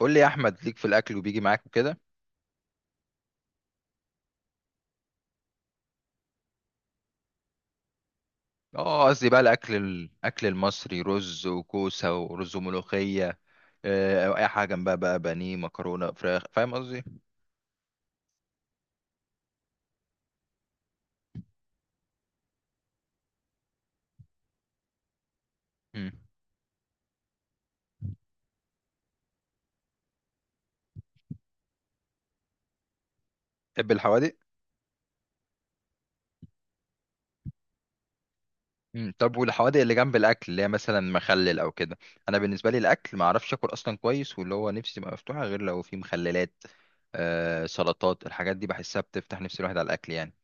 قول لي يا احمد، ليك في الاكل وبيجي معاك وكده. اه قصدي بقى الاكل المصري، رز وكوسه ورز وملوخيه. او اي حاجه جنبها بقى بانيه مكرونه فراخ، فاهم قصدي؟ مم. تحب الحوادق؟ مم. طب والحوادق اللي جنب الاكل اللي هي مثلا مخلل او كده. انا بالنسبه لي الاكل ما اعرفش اكل اصلا كويس، واللي هو نفسي تبقى مفتوحه غير لو في مخللات. آه، سلطات، الحاجات دي بحسها بتفتح نفس الواحد على الاكل يعني.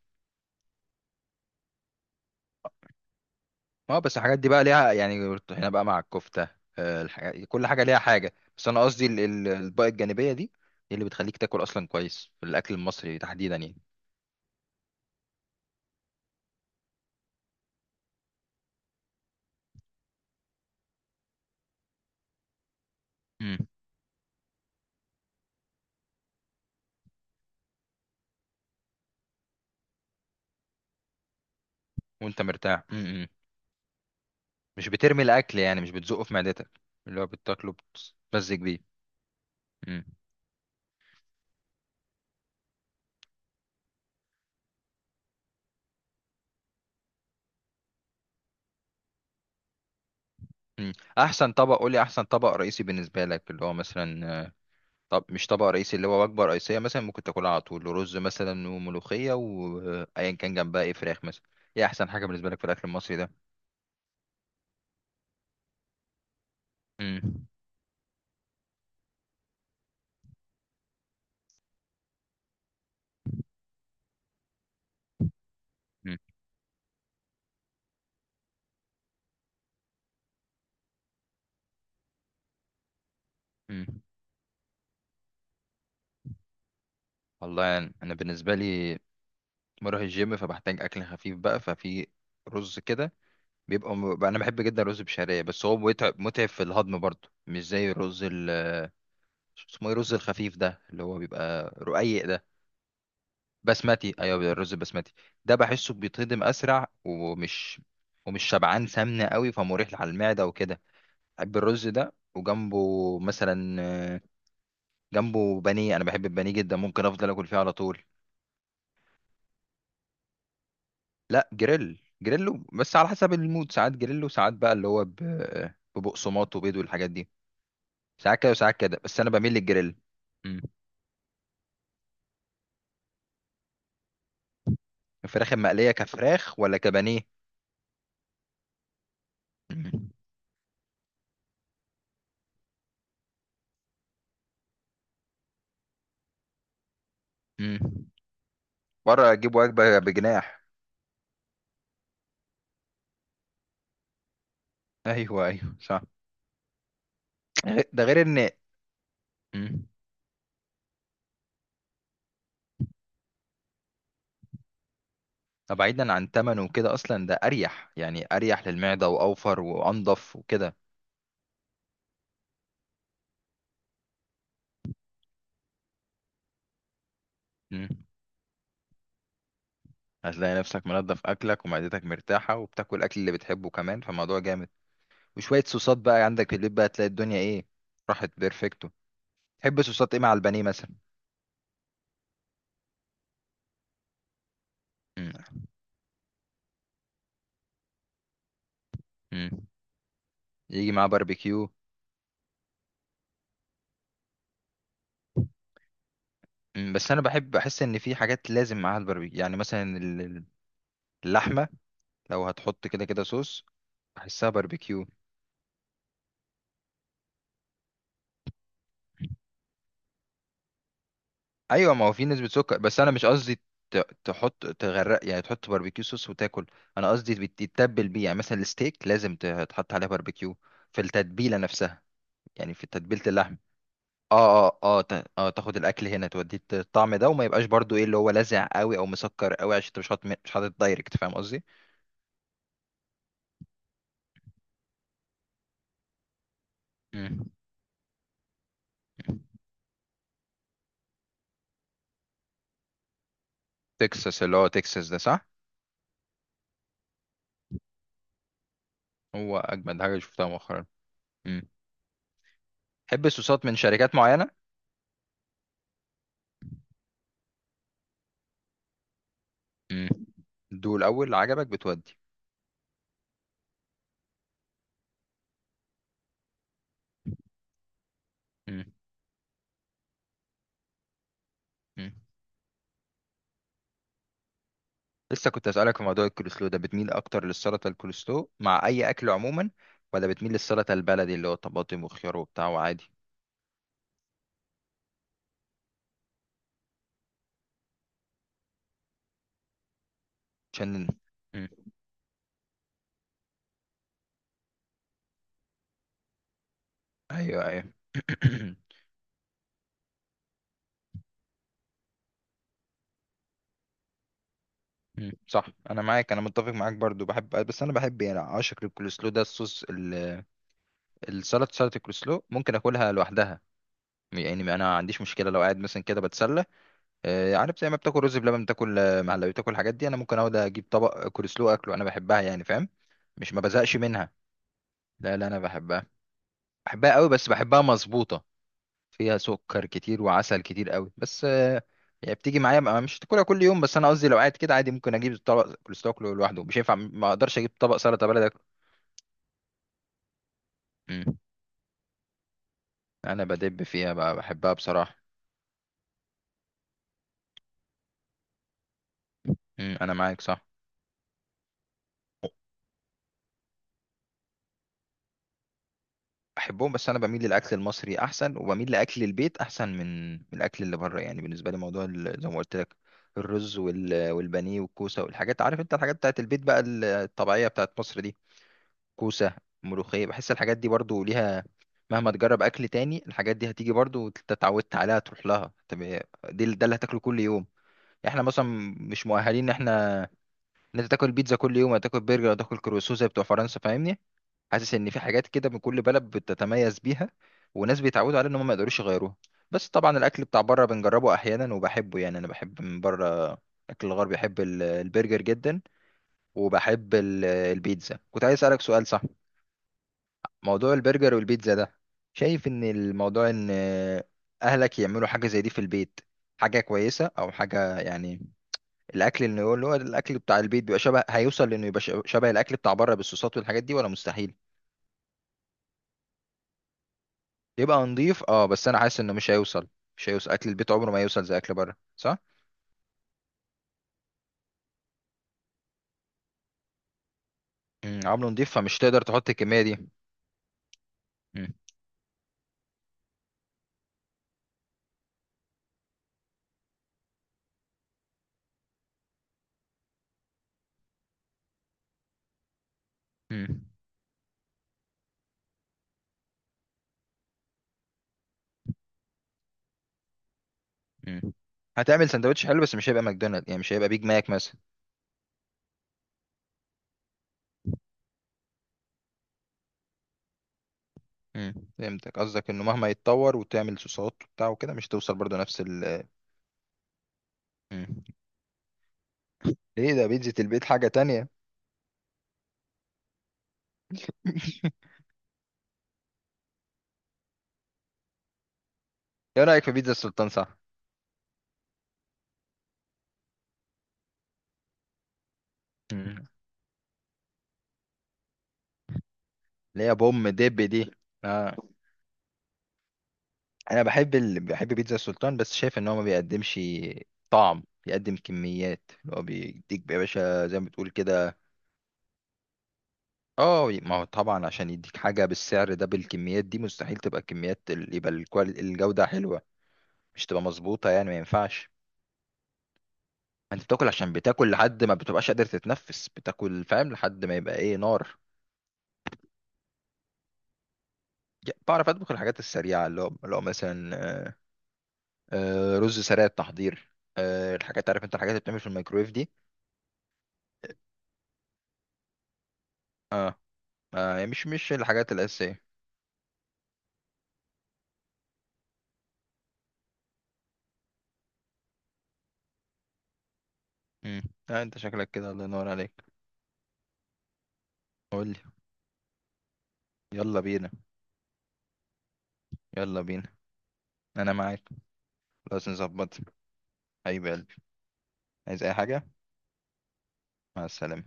اه بس الحاجات دي بقى ليها يعني هنا بقى مع الكفتة. الحاجات، كل حاجة ليها حاجة، بس أنا قصدي الأطباق الجانبية دي هي اللي بتخليك تاكل أصلا كويس في الأكل المصري تحديدا يعني. مم. وأنت مرتاح. مم. مم. مش بترمي الأكل يعني، مش بتزقه في معدتك اللي هو بتاكله، بتتمزج بيه. مم. مم. أحسن طبق، قولي أحسن طبق رئيسي بالنسبة لك، اللي هو مثلا طب مش طبق رئيسي، اللي هو وجبة رئيسية مثلا ممكن تاكلها على طول، رز مثلا وملوخية وأيا كان جنبها إيه، فراخ مثلا. إيه أحسن حاجة بالنسبة لك في الأكل المصري ده؟ مم. مم. مم. والله يعني انا بالنسبه لي بروح الجيم فبحتاج اكل خفيف بقى، ففي رز كده بيبقى م... بقى انا بحب جدا الرز بشعريه، بس هو متعب متعب في الهضم برضه، مش زي الرز اسمه ايه الرز الخفيف ده اللي هو بيبقى رقيق ده؟ بسمتي، ايوه الرز البسمتي ده بحسه بيتهضم اسرع ومش شبعان سمنه قوي، فمريح على المعده وكده. بحب الرز ده وجنبه مثلا، آه، جنبه بانيه. انا بحب البانيه جدا، ممكن افضل اكل فيه على طول. لا جريل، جريلو، بس على حسب المود، ساعات جريلو ساعات بقى اللي هو ببقسماط وبيض والحاجات دي، ساعات كده وساعات كده بس انا بميل للجريل. مم. الفراخ المقليه كفراخ ولا كبانيه؟ مم. مم. بره اجيب وجبه بجناح. ايوه ايوه صح. ده غير ان، مم، طب بعيدا عن تمنه وكده اصلا ده اريح يعني، اريح للمعده واوفر وانضف وكده. مم. هتلاقي نفسك منظف اكلك ومعدتك مرتاحه وبتاكل الاكل اللي بتحبه كمان، فالموضوع جامد. وشوية صوصات بقى عندك اللي بقى تلاقي الدنيا ايه، راحت بيرفكتو. تحب صوصات ايه مع البانيه مثلا؟ مم. مم. يجي معاه باربيكيو. مم. بس انا بحب، بحس ان في حاجات لازم معاها الباربيكيو، يعني مثلا اللحمة، لو هتحط كده كده صوص بحسها باربيكيو. ايوه، ما هو في نسبة سكر، بس انا مش قصدي تحط تغرق يعني، تحط باربيكيو صوص وتاكل. انا قصدي تتبل بيه، يعني مثلا الستيك لازم تحط عليه باربيكيو، في التتبيلة نفسها، يعني في تتبيلة اللحمة. اه تاخد الاكل هنا توديه الطعم ده، وما يبقاش برضو ايه اللي هو لاذع قوي او مسكر قوي، عشان انت مش حاطط دايركت، فاهم قصدي؟ مم. تكساس، اللي هو تكساس ده صح؟ هو اجمد حاجه شفتها مؤخرا. مم. تحب الصوصات من شركات معينه؟ مم. دول الاول اللي عجبك بتودي. مم. مم. لسه كنت اسالك في موضوع الكولسلو ده، بتميل اكتر للسلطه الكولسلو مع اي اكل عموما، ولا بتميل للسلطه البلدي اللي هو طماطم وخيار وبتاع وعادي؟ عشان، مم، ايوه ايوه مم. صح، انا معاك، انا متفق معاك برضو، بحب، بس انا بحب يعني اعشق الكولسلو ده، الصوص السلطه، سلطه الكولسلو ممكن اكلها لوحدها. يعني انا ما عنديش مشكله لو قاعد مثلا كده بتسلى، عارف، زي ما بتاكل رز بلبن، بتاكل مهلبيه، بتاكل الحاجات دي، انا ممكن اقعد اجيب طبق كولسلو اكله، انا بحبها يعني، فاهم؟ مش، ما بزهقش منها. لا لا انا بحبها، بحبها قوي، بس بحبها مظبوطه، فيها سكر كتير وعسل كتير قوي، بس يعني بتيجي معايا بقى، مش تاكلها كل يوم، بس انا قصدي لو قاعد كده عادي ممكن اجيب طبق كولسلو اكله لوحده، مش هينفع، ما اقدرش اجيب طبق سلطه بلدي اكله. مم. انا بدب فيها بقى، بحبها بصراحه. مم. انا معاك صح. احبهم، بس انا بميل للاكل المصري احسن، وبميل لاكل البيت احسن من الاكل اللي بره، يعني بالنسبه لي موضوع زي ما قلت لك، الرز والبانيه والكوسه والحاجات، عارف انت الحاجات بتاعت البيت بقى، الطبيعيه بتاعت مصر دي، كوسة، ملوخية، بحس الحاجات دي برضو ليها، مهما تجرب أكل تاني الحاجات دي هتيجي برضو، انت اتعودت عليها تروح لها. طب دي ده اللي هتاكله كل يوم، يعني احنا مثلا مش مؤهلين ان احنا، ان انت تاكل بيتزا كل يوم، هتاكل برجر، هتاكل كروسو زي بتوع فرنسا، فاهمني؟ حاسس ان في حاجات كده من كل بلد بتتميز بيها، وناس بيتعودوا عليها ان هم ما يقدروش يغيروها. بس طبعا الاكل بتاع بره بنجربه احيانا وبحبه، يعني انا بحب من بره الاكل الغربي، بحب البرجر جدا، وبحب البيتزا. كنت عايز اسالك سؤال صح، موضوع البرجر والبيتزا ده، شايف ان الموضوع ان، اهلك يعملوا حاجه زي دي في البيت، حاجه كويسه او حاجه يعني، الاكل اللي هو الاكل بتاع البيت بيبقى شبه، هيوصل لانه يبقى شبه الاكل بتاع بره بالصوصات والحاجات دي، ولا مستحيل يبقى نضيف؟ اه بس انا حاسس انه مش هيوصل، مش هيوصل اكل البيت، عمره ما يوصل زي اكل بره صح. امم، عمله نضيف، فمش تقدر تحط الكميه دي. امم. امم. امم، هتعمل سندوتش حلو بس مش هيبقى ماكدونالد، يعني مش هيبقى بيج ماك مثلا. امم، فهمتك، قصدك انه مهما يتطور وتعمل صوصات وبتاع وكده، مش هتوصل برضو نفس ال... مم. ليه؟ ده بيتزا البيت حاجة تانية. ايه رأيك في بيتزا السلطان صح؟ مم. اللي هي بوم دب دي. آه. انا بحب بحب بيتزا السلطان، بس شايف ان هو ما بيقدمش طعم، بيقدم كميات، اللي هو بيديك يا باشا زي ما بتقول كده. اه، ما هو طبعا عشان يديك حاجة بالسعر ده بالكميات دي، مستحيل تبقى كميات يبقى الجودة حلوة. مش تبقى مظبوطة يعني، ما ينفعش. انت بتاكل عشان بتاكل، لحد ما بتبقاش قادر تتنفس بتاكل، فاهم، لحد ما يبقى ايه، نار. بعرف اطبخ الحاجات السريعه، اللي هو مثلا، آه، رز سريع التحضير، الحاجات، عارف انت الحاجات اللي بتعمل في الميكرويف دي. ما هي مش الحاجات الاساسيه. امم. آه انت شكلك كده، الله ينور عليك. قول لي. يلا بينا. يلا بينا، انا معاك، لازم نظبط. حبيب قلبي، عايز اي حاجه؟ مع السلامه.